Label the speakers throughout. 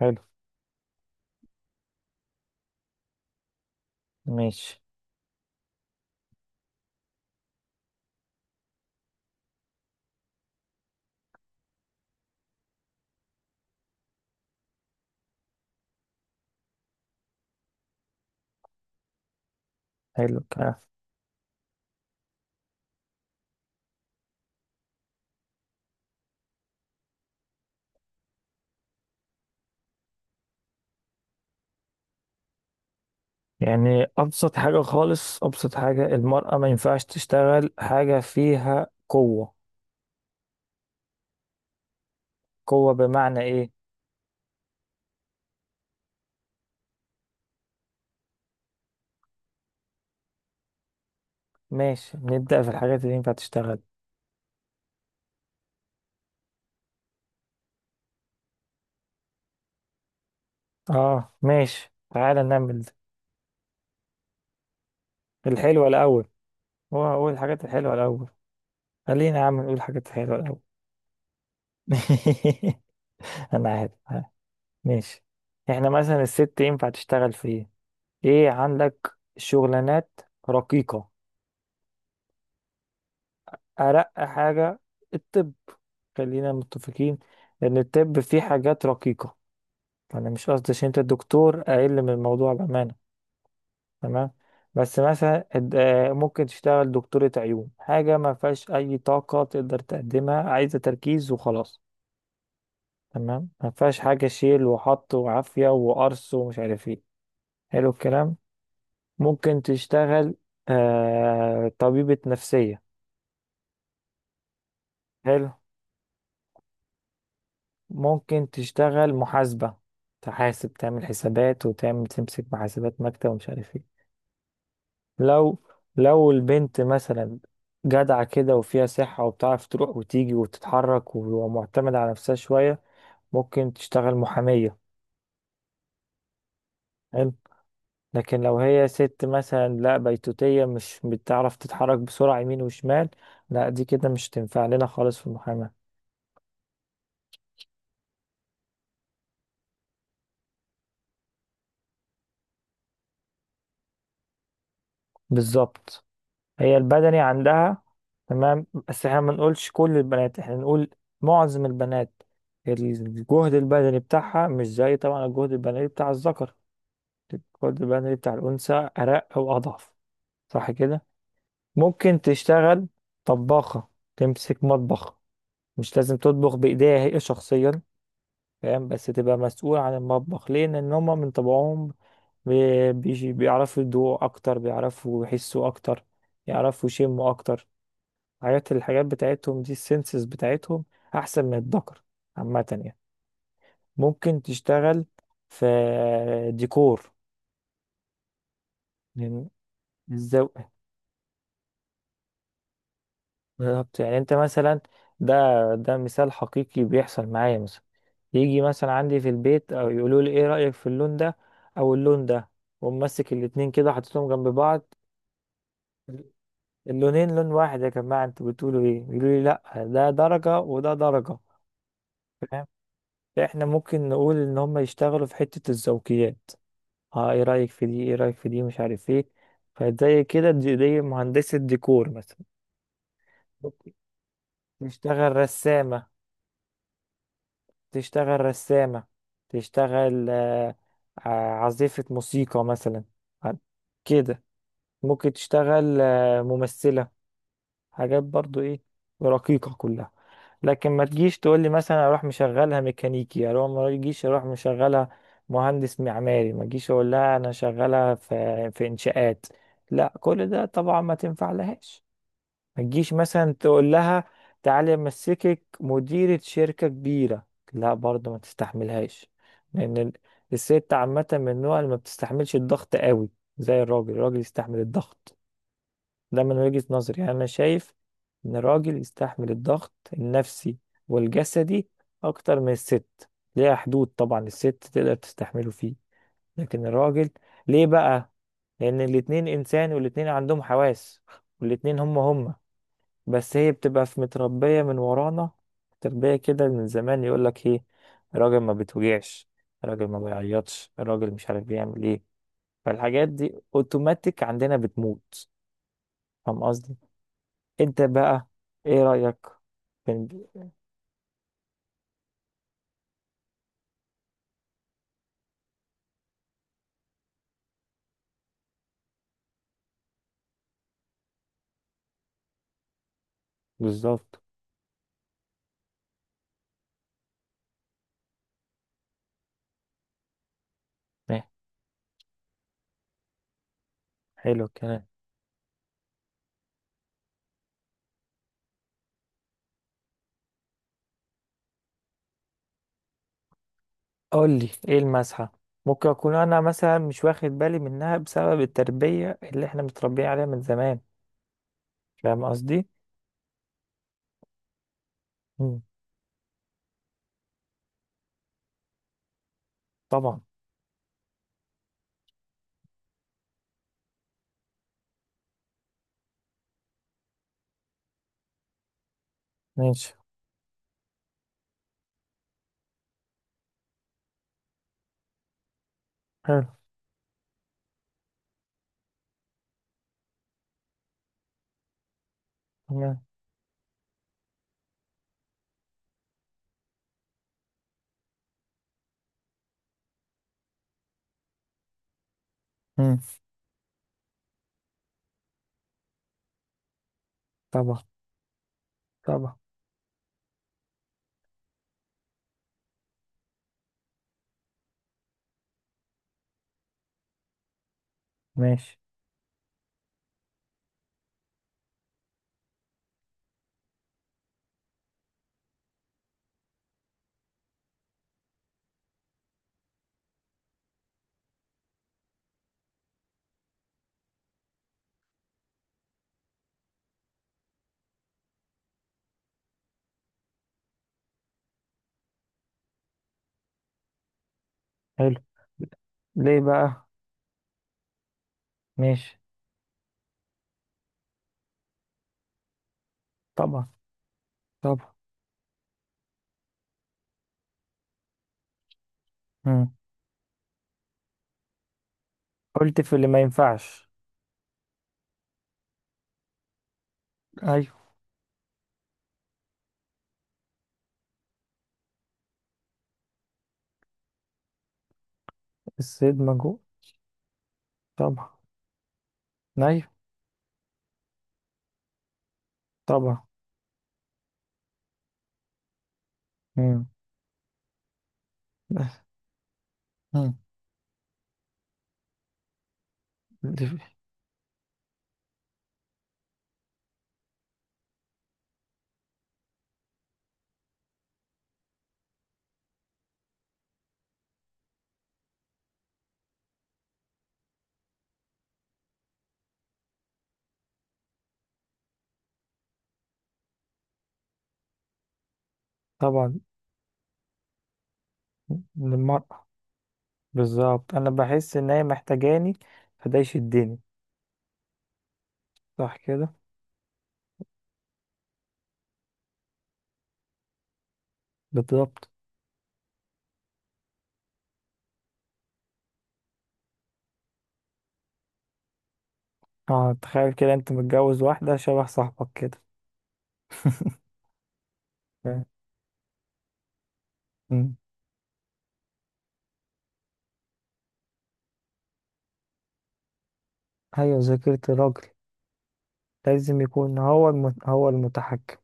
Speaker 1: حلو. ماشي. حلو الكلام. يعني أبسط حاجة خالص، أبسط حاجة، المرأة ما ينفعش تشتغل حاجة فيها قوة. قوة بمعنى إيه؟ ماشي، نبدأ في الحاجات اللي ينفع تشتغل. ماشي، تعالى نعمل الحلوة الأول. هو هو الحاجات الحلوة الأول. خلينا يا عم نقول الحاجات الحلوة الأول. أنا عارف آه، ماشي. إحنا مثلا الست ينفع تشتغل في إيه؟ إيه عندك شغلانات رقيقة؟ أرق حاجة الطب. خلينا متفقين إن الطب فيه حاجات رقيقة. أنا مش قصدي عشان أنت دكتور أقل من الموضوع بأمانة. تمام، بس مثلا ممكن تشتغل دكتورة عيون، حاجة ما فيهاش أي طاقة تقدر تقدمها، عايزة تركيز وخلاص. تمام، ما فيهاش حاجة شيل وحط وعافية وقرص ومش عارف ايه. حلو الكلام. ممكن تشتغل آه طبيبة نفسية. حلو. ممكن تشتغل محاسبة، تحاسب، تعمل حسابات، وتعمل تمسك محاسبات مكتب ومش عارف ايه. لو لو البنت مثلا جدعة كده وفيها صحة وبتعرف تروح وتيجي وتتحرك ومعتمدة على نفسها شوية، ممكن تشتغل محامية. حلو. لكن لو هي ست مثلا لا بيتوتية، مش بتعرف تتحرك بسرعة يمين وشمال، لا دي كده مش تنفع لنا خالص في المحاماة. بالظبط. هي البدني عندها، تمام، بس احنا ما نقولش كل البنات، احنا نقول معظم البنات الجهد البدني بتاعها مش زي طبعا الجهد البدني بتاع الذكر. الجهد البدني بتاع الأنثى أرق أو أضعف. صح كده. ممكن تشتغل طباخة، تمسك مطبخ، مش لازم تطبخ بإيديها هي شخصيا، فاهم؟ بس تبقى مسؤول عن المطبخ. ليه؟ لأن هما من طبعهم بيعرفوا يدوقوا أكتر، بيعرفوا يحسوا أكتر، يعرفوا يشموا أكتر. الحاجات بتاعتهم دي، السنسز بتاعتهم احسن من الذكر عامة يعني. ممكن تشتغل في ديكور، من الذوق. بالظبط، يعني انت مثلا، ده مثال حقيقي بيحصل معايا. مثلا يجي مثلا عندي في البيت او يقولوا لي ايه رأيك في اللون ده او اللون ده، ومسك الاتنين كده، حطيتهم جنب بعض. اللونين لون واحد يا جماعة، انتوا بتقولوا ايه؟ يقولوا لي لا، ده درجة وده درجة. احنا ممكن نقول ان هم يشتغلوا في حتة الذوقيات، اه ايه رأيك في دي، ايه رأيك في دي، مش عارف ايه. فزي كده دي مهندسة ديكور مثلا. اوكي. تشتغل رسامة، تشتغل رسامة، تشتغل آه، آه، عازفة موسيقى مثلا، عن- كده. ممكن تشتغل آه، ممثلة، حاجات برضو ايه، رقيقة كلها. لكن ما تجيش تقول لي مثلا اروح مشغلها ميكانيكي، اروح مشغلها مهندس معماري، ما تجيش اقول لها انا شغالة في انشاءات، لا كل ده طبعا ما تنفع لهاش. ما تجيش مثلا تقول لها تعالي امسكك مديرة شركة كبيرة، لا برضو ما تستحملهاش، لان ال- الست عامة من النوع اللي ما بتستحملش الضغط قوي، زي الراجل. الراجل يستحمل الضغط. ده من وجهة نظري، يعني أنا شايف إن الراجل يستحمل الضغط النفسي والجسدي أكتر من الست. ليها حدود طبعا الست تقدر تستحمله فيه، لكن الراجل. ليه بقى؟ لأن الاتنين إنسان والاتنين عندهم حواس، والاتنين هما هما، بس هي بتبقى في متربية من ورانا تربية كده من زمان، يقولك إيه، الراجل ما بتوجعش، الراجل ما بيعيطش، الراجل مش عارف بيعمل إيه. فالحاجات دي أوتوماتيك عندنا بتموت. فاهم قصدي؟ انت بقى ايه رأيك؟ كان- بالظبط. اه، حلو الكلام. قول لي ايه المسحة. ممكن اكون انا مثلا مش واخد بالي منها بسبب التربية اللي احنا متربيين عليها من زمان. فاهم قصدي. مم. طبعا. ماشي. حلو. تمام. مم. طبعا. طبعا. ماشي. حلو. ليه بقى؟ ماشي. طبعا. طبعا. مم. قلت في اللي ما ينفعش. ايوه. الصيد مجهول، طبعا. ايوه. طبعا. مم. مم. طبعا. للمرأة. بالظبط، أنا بحس إن هي محتاجاني، فده يشدني. صح كده. بالظبط. اه تخيل كده أنت متجوز واحدة شبه صاحبك كده. فاهم؟ مم. أيوة، ذاكرة الراجل لازم يكون هو هو المتحكم.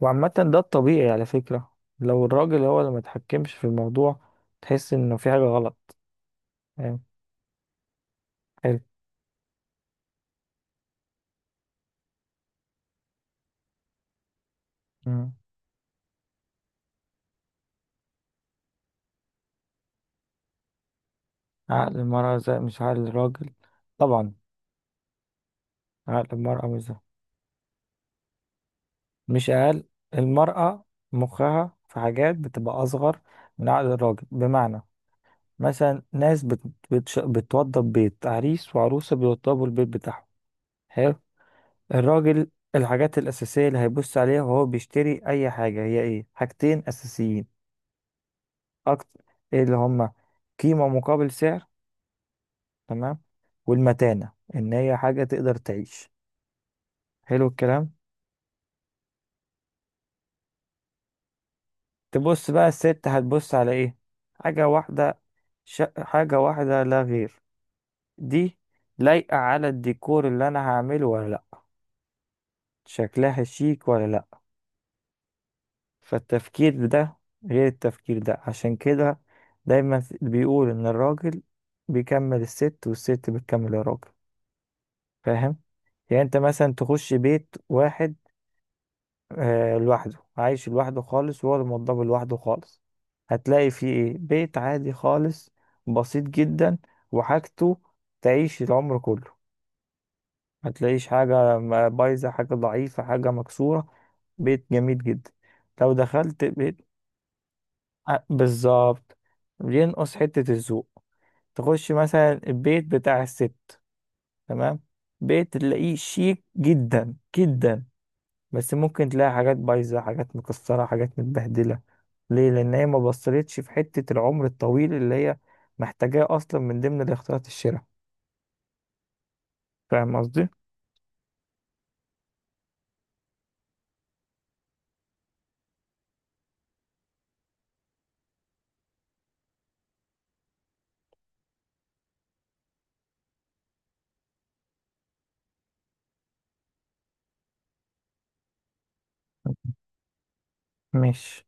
Speaker 1: وعامة ده الطبيعي على فكرة. لو الراجل هو اللي متحكمش في الموضوع، تحس إنه في حاجة غلط. فاهم. حلو. مم. عقل المرأة زي مش عقل الراجل، طبعا. عقل المرأة مش زي. مش أقل. المرأة مخها في حاجات بتبقى أصغر من عقل الراجل، بمعنى مثلا بتوضب بيت، عريس وعروسة بيوضبوا البيت بتاعهم. حلو. الراجل الحاجات الأساسية اللي هيبص عليها وهو بيشتري أي حاجة هي إيه؟ حاجتين أساسيين أكتر. إيه اللي هما؟ قيمة مقابل سعر، تمام، والمتانة، إن هي حاجة تقدر تعيش. حلو الكلام. تبص بقى الست هتبص على إيه؟ حاجة واحدة. حاجة واحدة لا غير. دي لايقة على الديكور اللي أنا هعمله ولا لأ، شكلها شيك ولا لأ. فالتفكير ده غير التفكير ده، عشان كده دايما بيقول إن الراجل بيكمل الست والست بتكمل الراجل. فاهم؟ يعني أنت مثلا تخش بيت واحد آه لوحده، عايش لوحده خالص وهو الموضوع لوحده خالص، هتلاقي فيه إيه؟ بيت عادي خالص، بسيط جدا، وحاجته تعيش العمر كله، ما تلاقيش حاجة بايظة، حاجة ضعيفة، حاجة مكسورة. بيت جميل جدا. لو دخلت بيت، بالظبط، بينقص حتة الذوق. تخش مثلا البيت بتاع الست، تمام، بيت تلاقيه شيك جدا جدا، بس ممكن تلاقي حاجات بايظة، حاجات مكسرة، حاجات متبهدلة. ليه؟ لأن هي ما بصلتش في حتة العمر الطويل اللي هي محتاجاه أصلا من ضمن الاختيارات الشراء. فاهم قصدي؟ ماشي.